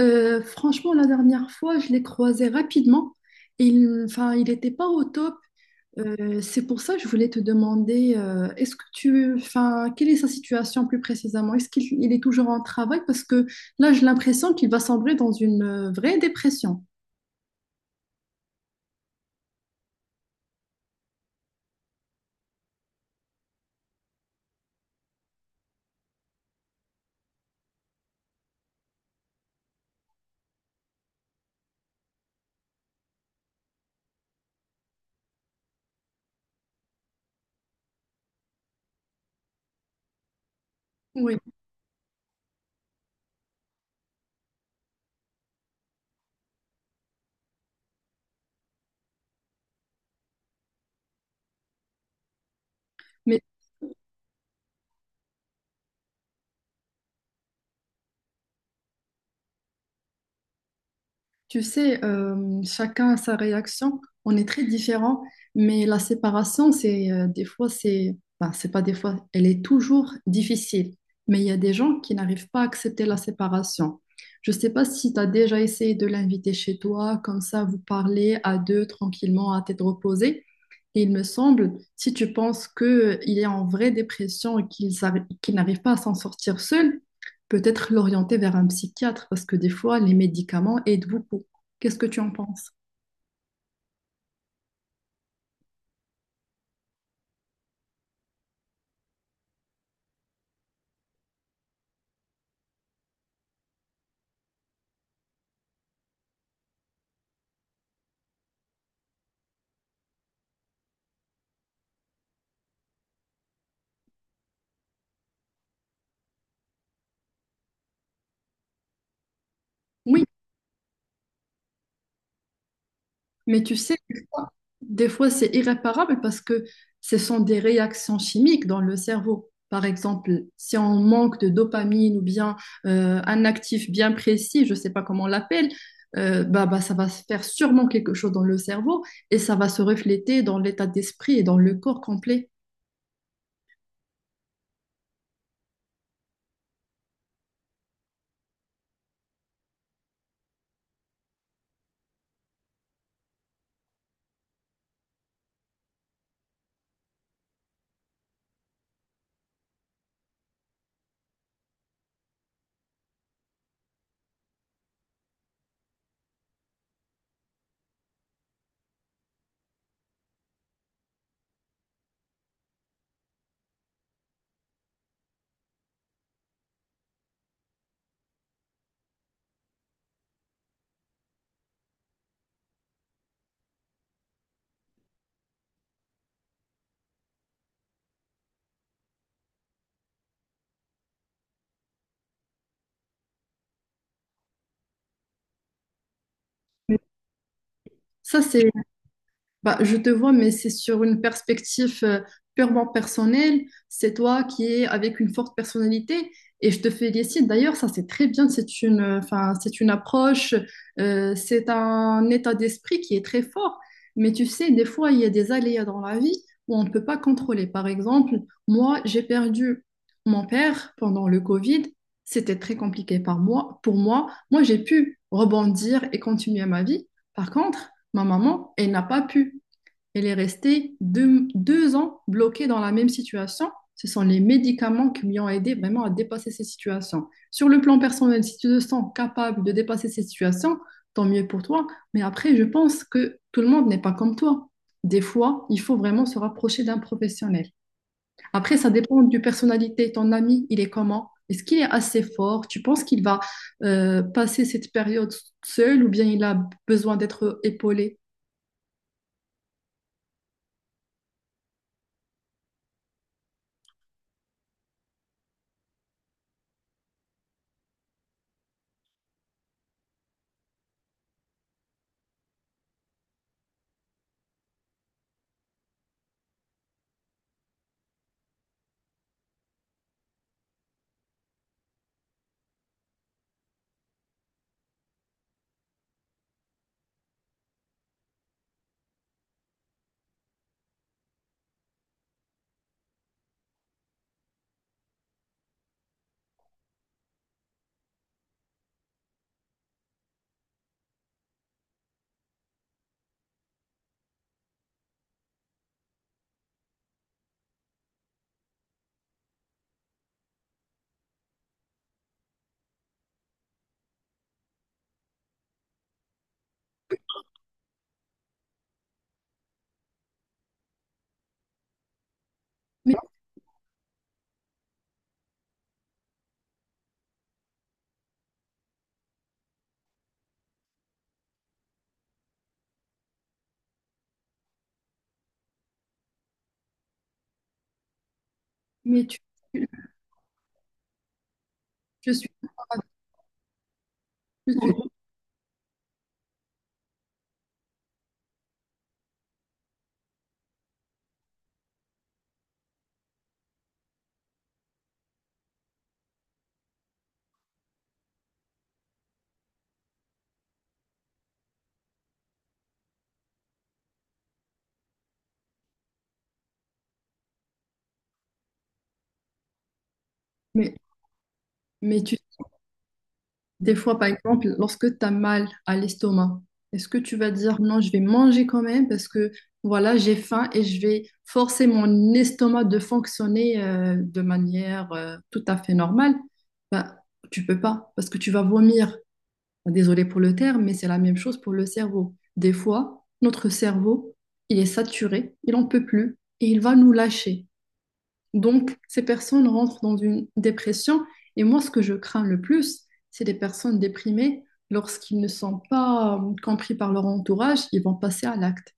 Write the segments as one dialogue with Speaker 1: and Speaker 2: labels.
Speaker 1: Franchement, la dernière fois, je l'ai croisé rapidement. Enfin, il n'était pas au top. C'est pour ça que je voulais te demander, est-ce que tu, enfin, quelle est sa situation plus précisément? Est-ce qu'il il est toujours en travail? Parce que là, j'ai l'impression qu'il va sombrer dans une vraie dépression. Oui. Mais tu sais, chacun a sa réaction. On est très différents, mais la séparation, c'est des fois, c'est, ben, c'est pas des fois, elle est toujours difficile. Mais il y a des gens qui n'arrivent pas à accepter la séparation. Je sais pas si tu as déjà essayé de l'inviter chez toi, comme ça, vous parlez à deux tranquillement, à tête reposée. Et il me semble, si tu penses qu'il est en vraie dépression et qu'il n'arrive pas à s'en sortir seul, peut-être l'orienter vers un psychiatre parce que des fois, les médicaments aident beaucoup. Qu'est-ce que tu en penses? Oui, mais tu sais, des fois, c'est irréparable parce que ce sont des réactions chimiques dans le cerveau. Par exemple, si on manque de dopamine ou bien un actif bien précis, je ne sais pas comment on l'appelle, euh, ça va se faire sûrement quelque chose dans le cerveau et ça va se refléter dans l'état d'esprit et dans le corps complet. Ça, c'est bah, je te vois, mais c'est sur une perspective purement personnelle. C'est toi qui es avec une forte personnalité et je te félicite. D'ailleurs, ça c'est très bien. C'est une, enfin, c'est une approche, c'est un état d'esprit qui est très fort. Mais tu sais, des fois, il y a des aléas dans la vie où on ne peut pas contrôler. Par exemple, moi, j'ai perdu mon père pendant le Covid. C'était très compliqué par moi, pour moi. Moi, j'ai pu rebondir et continuer ma vie. Par contre, ma maman, elle n'a pas pu. Elle est restée deux ans bloquée dans la même situation. Ce sont les médicaments qui lui ont aidé vraiment à dépasser ces situations. Sur le plan personnel, si tu te sens capable de dépasser ces situations, tant mieux pour toi. Mais après, je pense que tout le monde n'est pas comme toi. Des fois, il faut vraiment se rapprocher d'un professionnel. Après, ça dépend du personnalité. Ton ami, il est comment? Est-ce qu'il est assez fort? Tu penses qu'il va passer cette période seul ou bien il a besoin d'être épaulé? Mais tu, tu- je suis, mais, mais tu, des fois, par exemple, lorsque tu as mal à l'estomac, est-ce que tu vas dire non, je vais manger quand même parce que voilà, j'ai faim et je vais forcer mon estomac de fonctionner de manière tout à fait normale? Ben, tu peux pas parce que tu vas vomir. Bah, désolé pour le terme, mais c'est la même chose pour le cerveau. Des fois, notre cerveau, il est saturé, il n'en peut plus et il va nous lâcher. Donc, ces personnes rentrent dans une dépression. Et moi, ce que je crains le plus, c'est les personnes déprimées lorsqu'ils ne sont pas compris par leur entourage, ils vont passer à l'acte.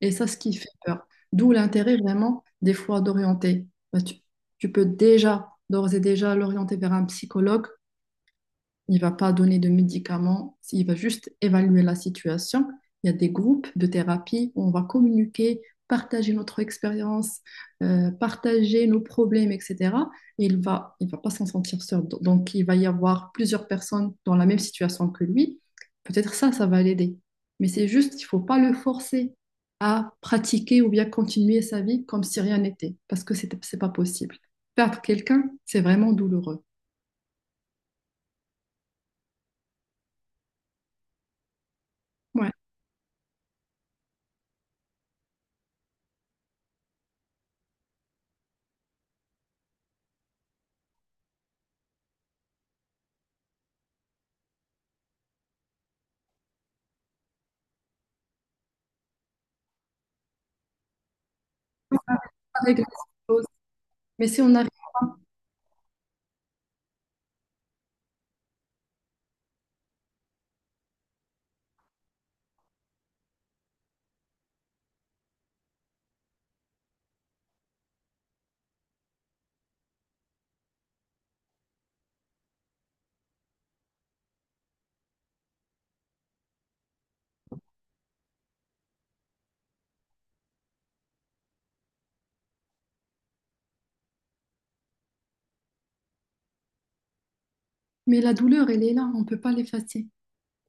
Speaker 1: Et ça, ce qui fait peur. D'où l'intérêt vraiment des fois d'orienter. Tu peux déjà, d'ores et déjà, l'orienter vers un psychologue, il ne va pas donner de médicaments, il va juste évaluer la situation. Il y a des groupes de thérapie où on va communiquer, partager notre expérience, partager nos problèmes, etc. Et il va pas s'en sentir seul. Donc, il va y avoir plusieurs personnes dans la même situation que lui. Peut-être ça, ça va l'aider. Mais c'est juste, il ne faut pas le forcer à pratiquer ou bien continuer sa vie comme si rien n'était, parce que c'est n'est pas possible. Perdre quelqu'un, c'est vraiment douloureux. Ouais. Avec mais si on arrive, mais la douleur, elle est là, on ne peut pas l'effacer.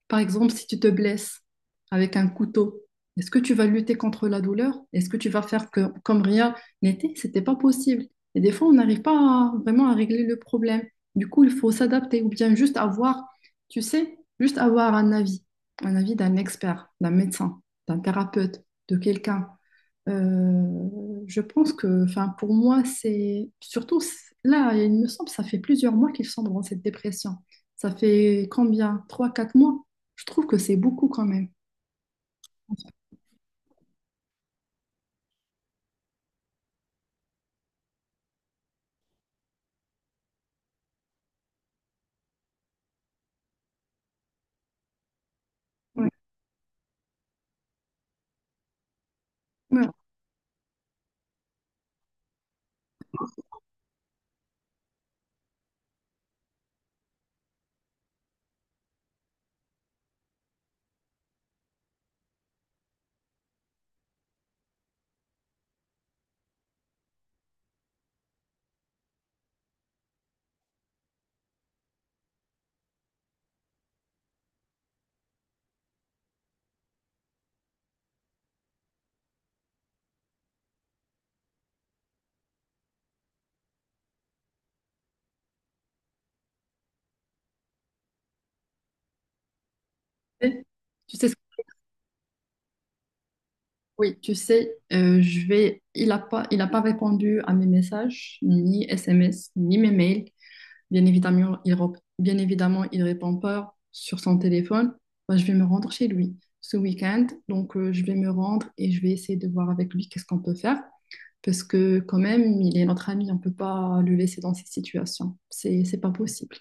Speaker 1: Par exemple, si tu te blesses avec un couteau, est-ce que tu vas lutter contre la douleur? Est-ce que tu vas faire comme rien n'était? C'était pas possible. Et des fois, on n'arrive pas à- vraiment à régler le problème. Du coup, il faut s'adapter ou bien juste avoir, tu sais, juste avoir un avis d'un expert, d'un médecin, d'un thérapeute, de quelqu'un. Euh, je pense que, enfin, pour moi, c'est surtout là, il me semble, ça fait plusieurs mois qu'ils sont dans cette dépression. Ça fait combien? Trois, quatre mois? Je trouve que c'est beaucoup quand même. Ouais. Ouais. Eh, tu sais, oui, tu sais, il a pas répondu à mes messages, ni SMS, ni mes mails. Bien évidemment, bien évidemment, il répond pas sur son téléphone. Bah, je vais me rendre chez lui ce week-end. Donc, je vais me rendre et je vais essayer de voir avec lui qu'est-ce qu'on peut faire. Parce que quand même, il est notre ami, on peut pas le laisser dans cette situation. C'est pas possible.